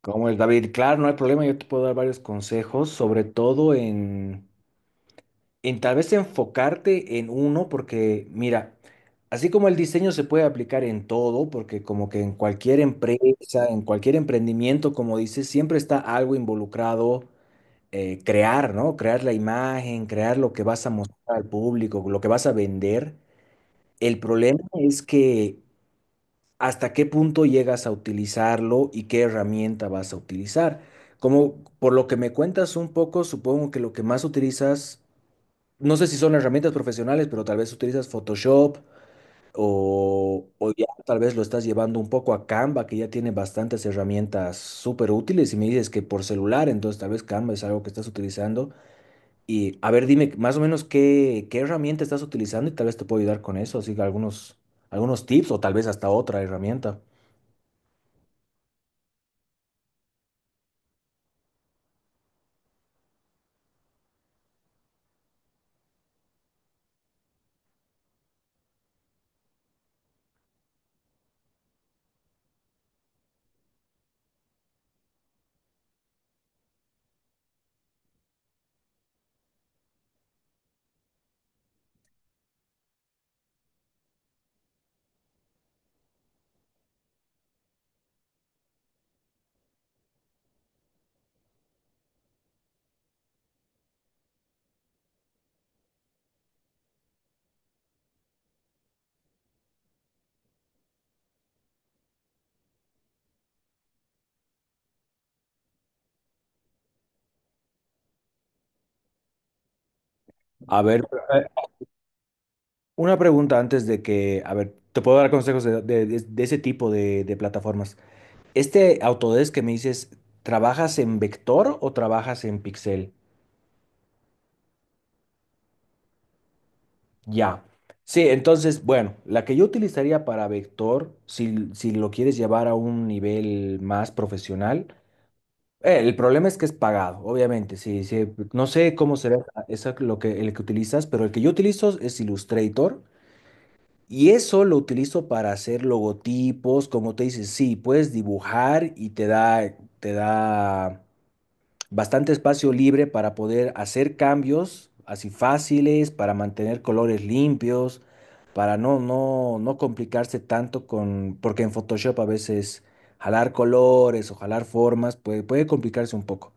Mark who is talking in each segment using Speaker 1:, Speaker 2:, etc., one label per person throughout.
Speaker 1: Como es, David? Claro, no hay problema, yo te puedo dar varios consejos, sobre todo en tal vez enfocarte en uno, porque mira, así como el diseño se puede aplicar en todo, porque como que en cualquier empresa, en cualquier emprendimiento, como dices, siempre está algo involucrado, crear, ¿no? Crear la imagen, crear lo que vas a mostrar al público, lo que vas a vender. El problema es que hasta qué punto llegas a utilizarlo y qué herramienta vas a utilizar. Como por lo que me cuentas un poco, supongo que lo que más utilizas, no sé si son herramientas profesionales, pero tal vez utilizas Photoshop o ya tal vez lo estás llevando un poco a Canva, que ya tiene bastantes herramientas súper útiles y me dices que por celular, entonces tal vez Canva es algo que estás utilizando. Y a ver, dime más o menos qué herramienta estás utilizando y tal vez te puedo ayudar con eso, así que algunos tips o tal vez hasta otra herramienta. A ver, eh, una pregunta antes de que, a ver, te puedo dar consejos de ese tipo de plataformas. Este Autodesk que me dices, ¿trabajas en vector o trabajas en pixel? Ya. Sí, entonces, bueno, la que yo utilizaría para vector, si lo quieres llevar a un nivel más profesional, el problema es que es pagado, obviamente. Sí, no sé cómo será esa, lo que, el que utilizas, pero el que yo utilizo es Illustrator. Y eso lo utilizo para hacer logotipos, como te dices, sí, puedes dibujar y te da bastante espacio libre para poder hacer cambios así fáciles, para mantener colores limpios, para no complicarse tanto con, porque en Photoshop a veces jalar colores o jalar formas puede complicarse un poco.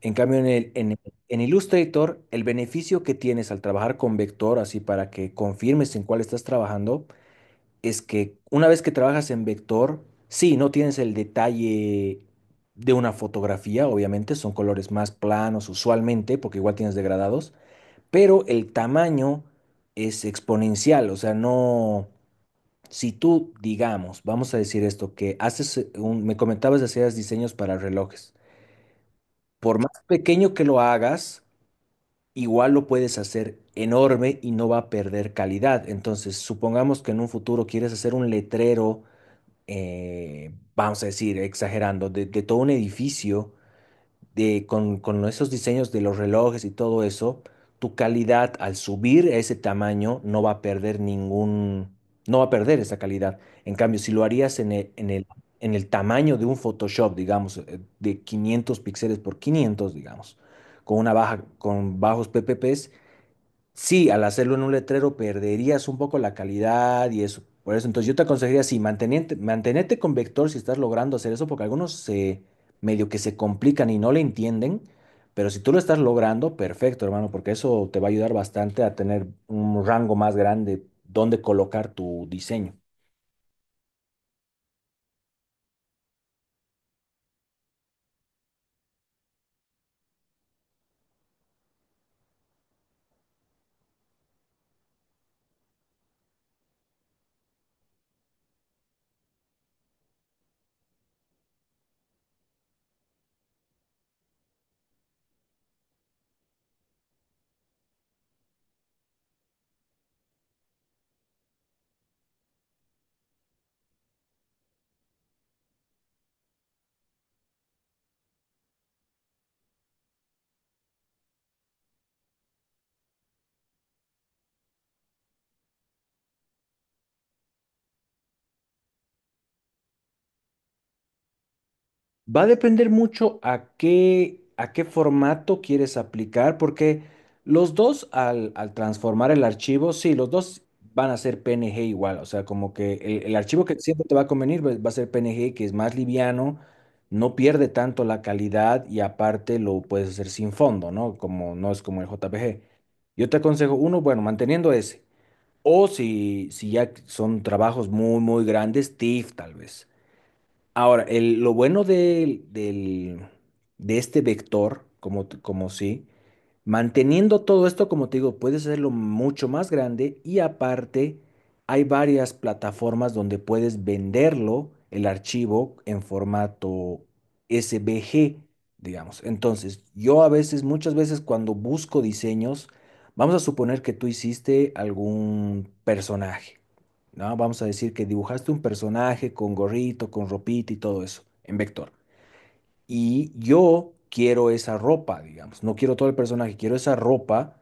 Speaker 1: En cambio, en Illustrator, el beneficio que tienes al trabajar con vector, así para que confirmes en cuál estás trabajando, es que una vez que trabajas en vector, sí, no tienes el detalle de una fotografía, obviamente, son colores más planos usualmente, porque igual tienes degradados, pero el tamaño es exponencial, o sea, no, si tú, digamos, vamos a decir esto, que haces, me comentabas de hacer diseños para relojes, por más pequeño que lo hagas, igual lo puedes hacer enorme y no va a perder calidad. Entonces supongamos que en un futuro quieres hacer un letrero, vamos a decir, exagerando, de todo un edificio, con esos diseños de los relojes y todo eso, tu calidad al subir a ese tamaño no va a perder no va a perder esa calidad. En cambio, si lo harías en el tamaño de un Photoshop, digamos, de 500 píxeles por 500 digamos, con bajos PPPs. Sí, al hacerlo en un letrero perderías un poco la calidad y eso. Por eso, entonces yo te aconsejaría, sí, mantenerte con vector si estás logrando hacer eso, porque algunos se medio que se complican y no le entienden, pero si tú lo estás logrando, perfecto, hermano, porque eso te va a ayudar bastante a tener un rango más grande donde colocar tu diseño. Va a depender mucho a a qué formato quieres aplicar, porque los dos al transformar el archivo, sí, los dos van a ser PNG igual, o sea, como que el archivo que siempre te va a convenir va a ser PNG, que es más liviano, no pierde tanto la calidad y aparte lo puedes hacer sin fondo, ¿no? Como no es como el JPG. Yo te aconsejo uno, bueno, manteniendo ese, o si, si ya son trabajos muy grandes, TIFF tal vez. Ahora, el- lo bueno del- del- de este vector, como sí, manteniendo todo esto, como te digo, puedes hacerlo mucho más grande y aparte hay varias plataformas donde puedes venderlo, el archivo, en formato SVG, digamos. Entonces, muchas veces cuando busco diseños, vamos a suponer que tú hiciste algún personaje. ¿No? Vamos a decir que dibujaste un personaje con gorrito, con ropita y todo eso, en vector. Y yo quiero esa ropa, digamos, no quiero todo el personaje, quiero esa ropa.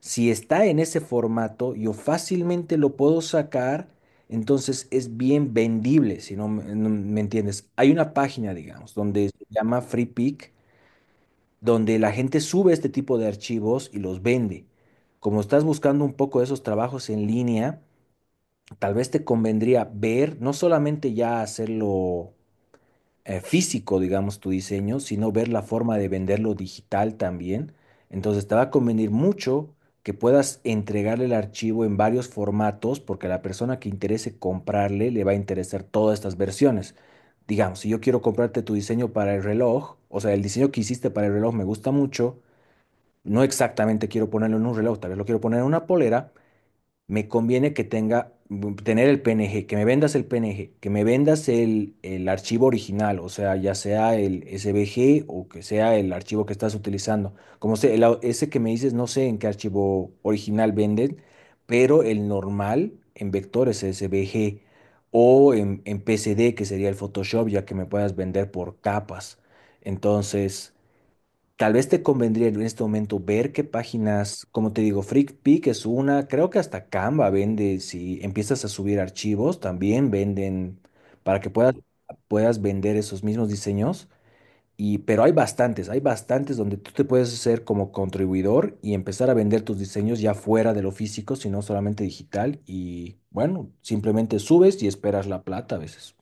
Speaker 1: Si está en ese formato, yo fácilmente lo puedo sacar, entonces es bien vendible, no me entiendes. Hay una página, digamos, donde se llama Free Pick, donde la gente sube este tipo de archivos y los vende. Como estás buscando un poco esos trabajos en línea, tal vez te convendría ver, no solamente ya hacerlo físico, digamos, tu diseño, sino ver la forma de venderlo digital también. Entonces te va a convenir mucho que puedas entregarle el archivo en varios formatos, porque a la persona que interese comprarle le va a interesar todas estas versiones. Digamos, si yo quiero comprarte tu diseño para el reloj, o sea, el diseño que hiciste para el reloj me gusta mucho, no exactamente quiero ponerlo en un reloj, tal vez lo quiero poner en una polera. Me conviene que tener el PNG, que me vendas el PNG, que me vendas el archivo original, o sea, ya sea el SVG o que sea el archivo que estás utilizando. Como sé, el ese que me dices, no sé en qué archivo original venden, pero el normal en vector es SVG en PCD, que sería el Photoshop, ya que me puedas vender por capas. Entonces, tal vez te convendría en este momento ver qué páginas, como te digo, FreakPic es una, creo que hasta Canva vende. Si empiezas a subir archivos, también venden para que puedas, puedas vender esos mismos diseños. Y pero hay bastantes donde tú te puedes hacer como contribuidor y empezar a vender tus diseños ya fuera de lo físico, sino solamente digital. Y bueno, simplemente subes y esperas la plata a veces.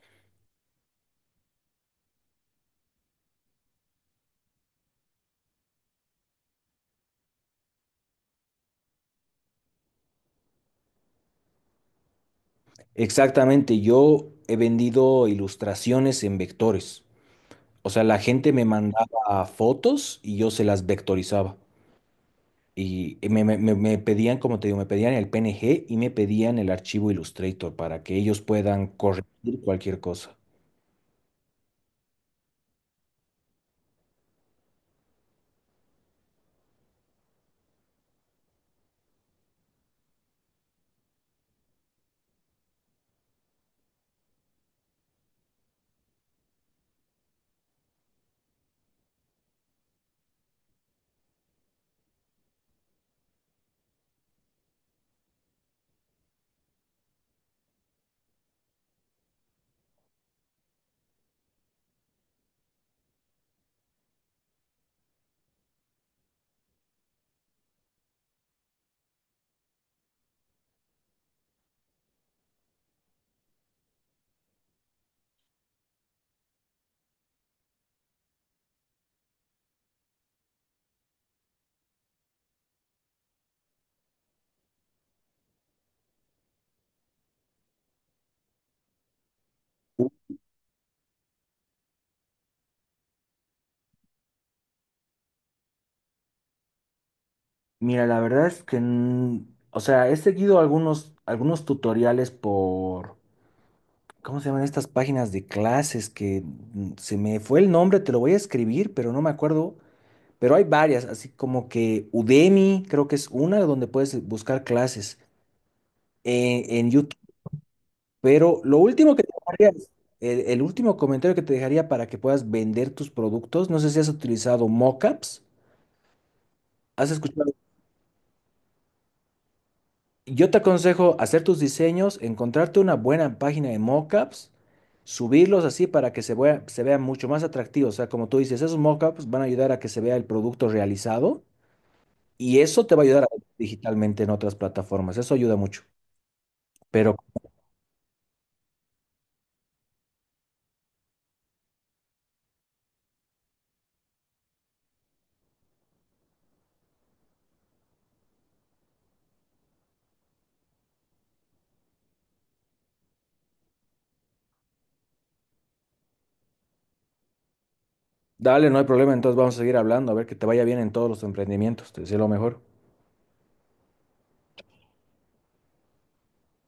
Speaker 1: Exactamente, yo he vendido ilustraciones en vectores. O sea, la gente me mandaba fotos y yo se las vectorizaba. Y me pedían, como te digo, me pedían el PNG y me pedían el archivo Illustrator para que ellos puedan corregir cualquier cosa. Uh, Mira, la verdad es que, o sea, he seguido algunos tutoriales por, ¿cómo se llaman estas páginas de clases? Que se me fue el nombre, te lo voy a escribir, pero no me acuerdo. Pero hay varias, así como que Udemy, creo que es una donde puedes buscar clases en YouTube. Pero lo último que te dejaría, el último comentario que te dejaría para que puedas vender tus productos, no sé si has utilizado mockups, has escuchado. Yo te aconsejo hacer tus diseños, encontrarte una buena página de mockups, subirlos así para que se vea mucho más atractivo. O sea, como tú dices, esos mockups van a ayudar a que se vea el producto realizado y eso te va a ayudar a vender digitalmente en otras plataformas. Eso ayuda mucho. Pero dale, no hay problema. Entonces vamos a seguir hablando, a ver que te vaya bien en todos los emprendimientos. Te deseo lo mejor.